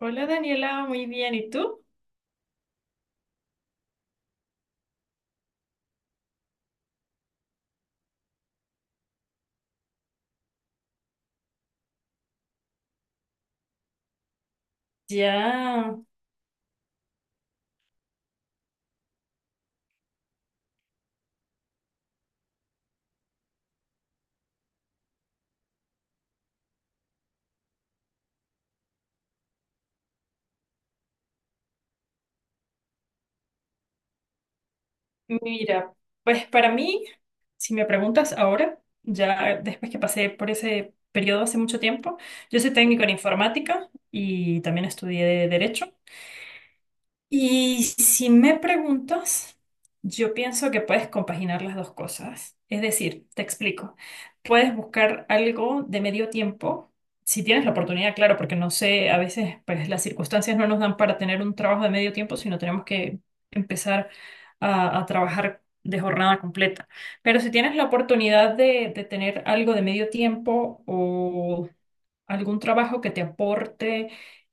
Hola Daniela, muy bien. ¿Y tú? Ya, mira, pues para mí, si me preguntas ahora, ya después que pasé por ese periodo hace mucho tiempo, yo soy técnico en informática y también estudié derecho. Y si me preguntas, yo pienso que puedes compaginar las dos cosas. Es decir, te explico, puedes buscar algo de medio tiempo, si tienes la oportunidad, claro, porque no sé, a veces pues las circunstancias no nos dan para tener un trabajo de medio tiempo, sino tenemos que empezar a trabajar de jornada completa. Pero si tienes la oportunidad de tener algo de medio tiempo o algún trabajo que te aporte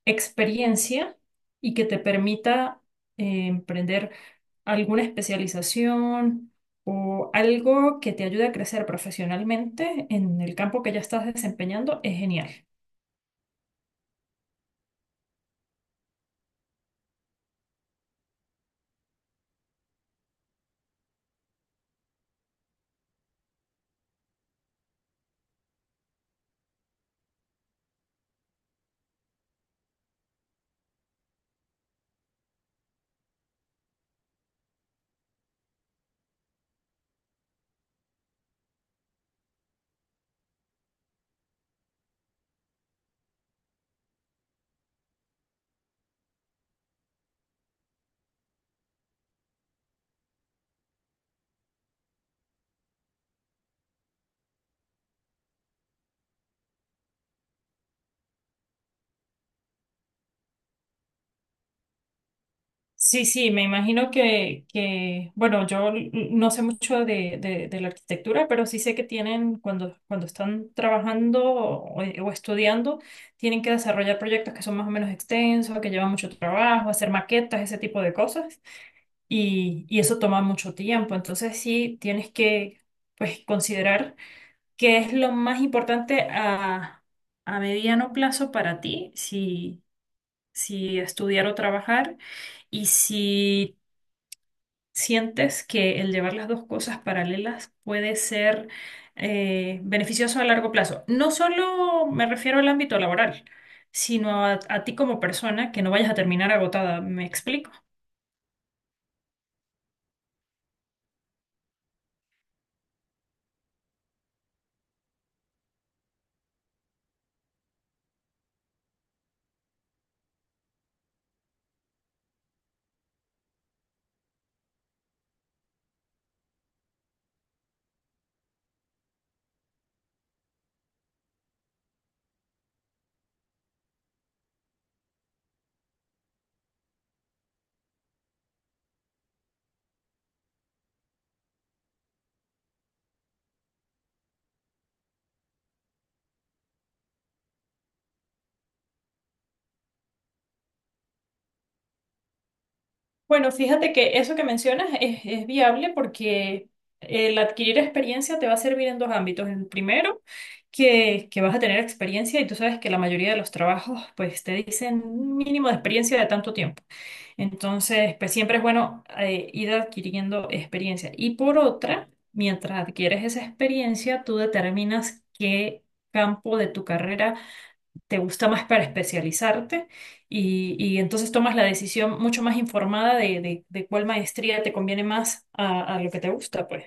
experiencia y que te permita emprender alguna especialización o algo que te ayude a crecer profesionalmente en el campo que ya estás desempeñando, es genial. Sí, sí, me imagino que bueno, no sé mucho de, de la arquitectura, pero sí sé que tienen, cuando, cuando están trabajando o estudiando, tienen que desarrollar proyectos que son más o menos extensos, que llevan mucho trabajo, hacer maquetas, ese tipo de cosas, y eso toma mucho tiempo. Entonces sí, tienes que, pues, considerar qué es lo más importante a mediano plazo para ti, si, si estudiar o trabajar. Y si ¿sientes que el llevar las dos cosas paralelas puede ser beneficioso a largo plazo? No solo me refiero al ámbito laboral, sino a ti como persona, que no vayas a terminar agotada. ¿Me explico? Bueno, fíjate que eso que mencionas es viable porque el adquirir experiencia te va a servir en dos ámbitos. El primero, que vas a tener experiencia y tú sabes que la mayoría de los trabajos pues te dicen un mínimo de experiencia de tanto tiempo. Entonces, pues siempre es bueno ir adquiriendo experiencia. Y por otra, mientras adquieres esa experiencia, tú determinas qué campo de tu carrera te gusta más para especializarte y entonces tomas la decisión mucho más informada de, de cuál maestría te conviene más a lo que te gusta, pues.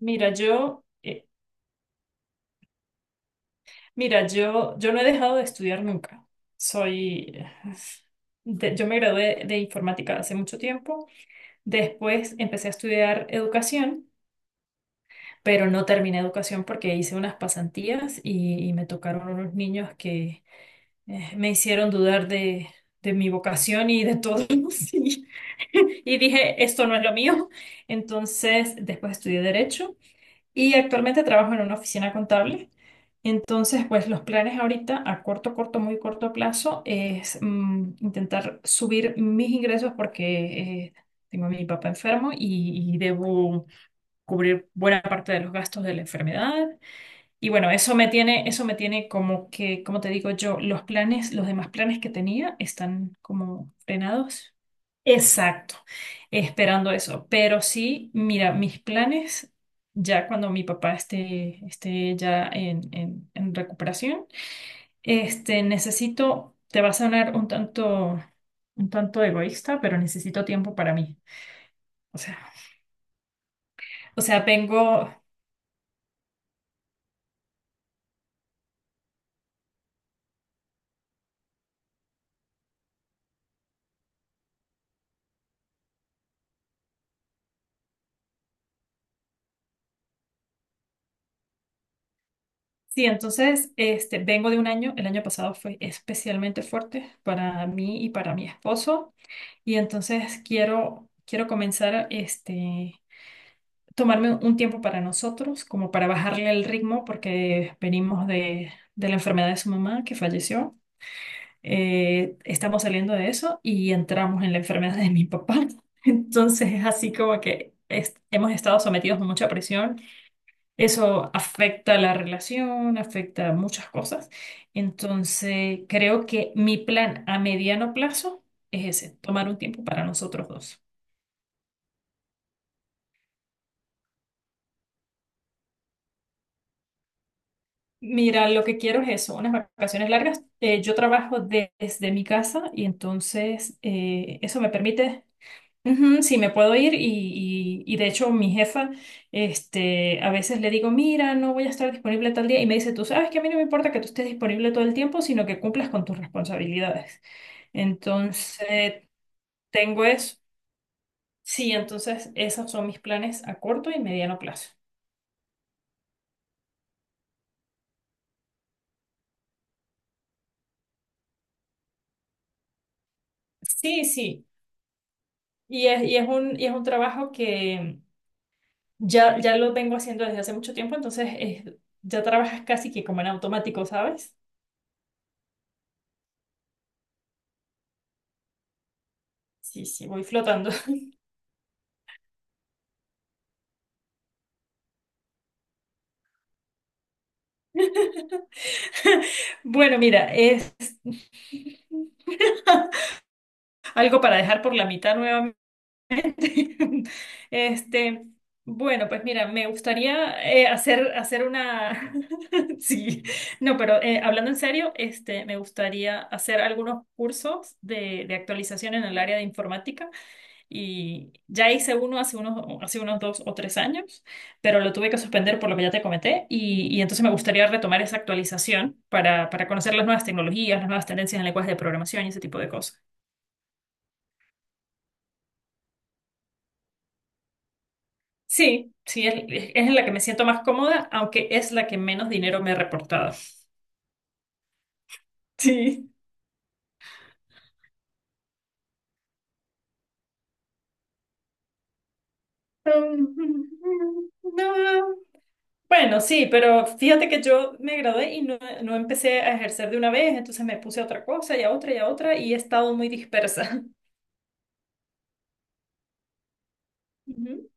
Mira, yo, eh, mira, yo, yo no he dejado de estudiar nunca. Soy, yo me gradué de informática hace mucho tiempo. Después empecé a estudiar educación, pero no terminé educación porque hice unas pasantías y me tocaron unos niños que me hicieron dudar de mi vocación y de todo. Sí. Y dije, esto no es lo mío. Entonces, después estudié derecho y actualmente trabajo en una oficina contable. Entonces, pues los planes ahorita a corto, corto, muy corto plazo es intentar subir mis ingresos porque tengo a mi papá enfermo y debo cubrir buena parte de los gastos de la enfermedad. Y bueno, eso me tiene como que, como te digo yo, los planes, los demás planes que tenía están como frenados. Exacto, esperando eso. Pero sí, mira, mis planes, ya cuando mi papá esté, esté ya en, en recuperación, este, necesito, te va a sonar un tanto egoísta, pero necesito tiempo para mí. O sea, o sea, vengo, sí, entonces, este, vengo de un año, el año pasado fue especialmente fuerte para mí y para mi esposo, y entonces quiero, quiero comenzar, este tomarme un tiempo para nosotros, como para bajarle el ritmo, porque venimos de la enfermedad de su mamá que falleció. Estamos saliendo de eso y entramos en la enfermedad de mi papá. Entonces es así como que hemos estado sometidos a mucha presión. Eso afecta la relación, afecta muchas cosas. Entonces creo que mi plan a mediano plazo es ese, tomar un tiempo para nosotros dos. Mira, lo que quiero es eso, unas vacaciones largas. Yo trabajo desde mi casa y entonces eso me permite, ujú, sí, me puedo ir y, y de hecho mi jefa, este, a veces le digo, mira, no voy a estar disponible tal día y me dice, tú sabes que a mí no me importa que tú estés disponible todo el tiempo, sino que cumplas con tus responsabilidades. Entonces, tengo eso. Sí, entonces esos son mis planes a corto y mediano plazo. Sí, sí. Y es un trabajo que... Ya, ya lo vengo haciendo desde hace mucho tiempo, entonces ya trabajas casi que como en automático, ¿sabes? Sí, sí, voy flotando. Bueno, mira, es algo para dejar por la mitad nuevamente. Este, bueno, pues mira, me gustaría hacer, hacer una... Sí, no, pero hablando en serio, este, me gustaría hacer algunos cursos de actualización en el área de informática. Y ya hice uno hace unos 2 o 3 años, pero lo tuve que suspender por lo que ya te comenté. Y entonces me gustaría retomar esa actualización para conocer las nuevas tecnologías, las nuevas tendencias en lenguajes de programación y ese tipo de cosas. Sí, sí, es en la que me siento más cómoda, aunque es la que menos dinero me ha reportado. Sí. Um, No. Bueno, sí, pero fíjate que yo me gradué y no, no empecé a ejercer de una vez, entonces me puse a otra cosa y a otra y a otra y he estado muy dispersa. Ujú.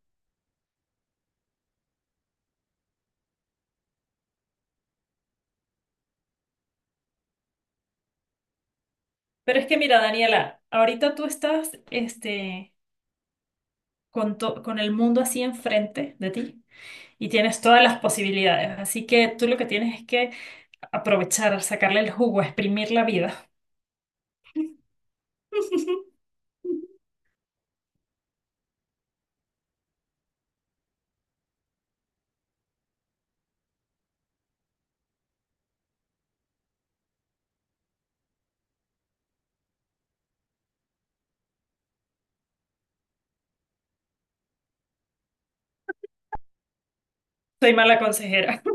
Pero es que mira, Daniela, ahorita tú estás este, con, con el mundo así enfrente de ti y tienes todas las posibilidades. Así que tú lo que tienes es que aprovechar, sacarle el jugo, exprimir la vida. Soy mala consejera.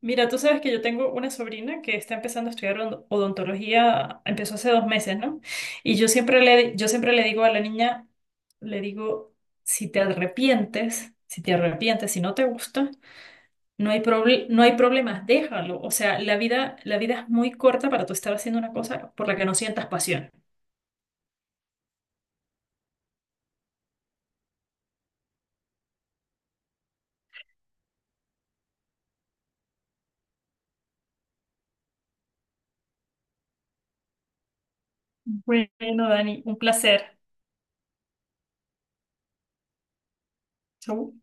Mira, tú sabes que yo tengo una sobrina que está empezando a estudiar odontología, empezó hace 2 meses, ¿no? Y yo siempre le digo a la niña, le digo, si te arrepientes, si te arrepientes, si no te gusta, no hay no hay problemas, déjalo. O sea, la vida es muy corta para tú estar haciendo una cosa por la que no sientas pasión. Bueno, Dani, un placer. Chau.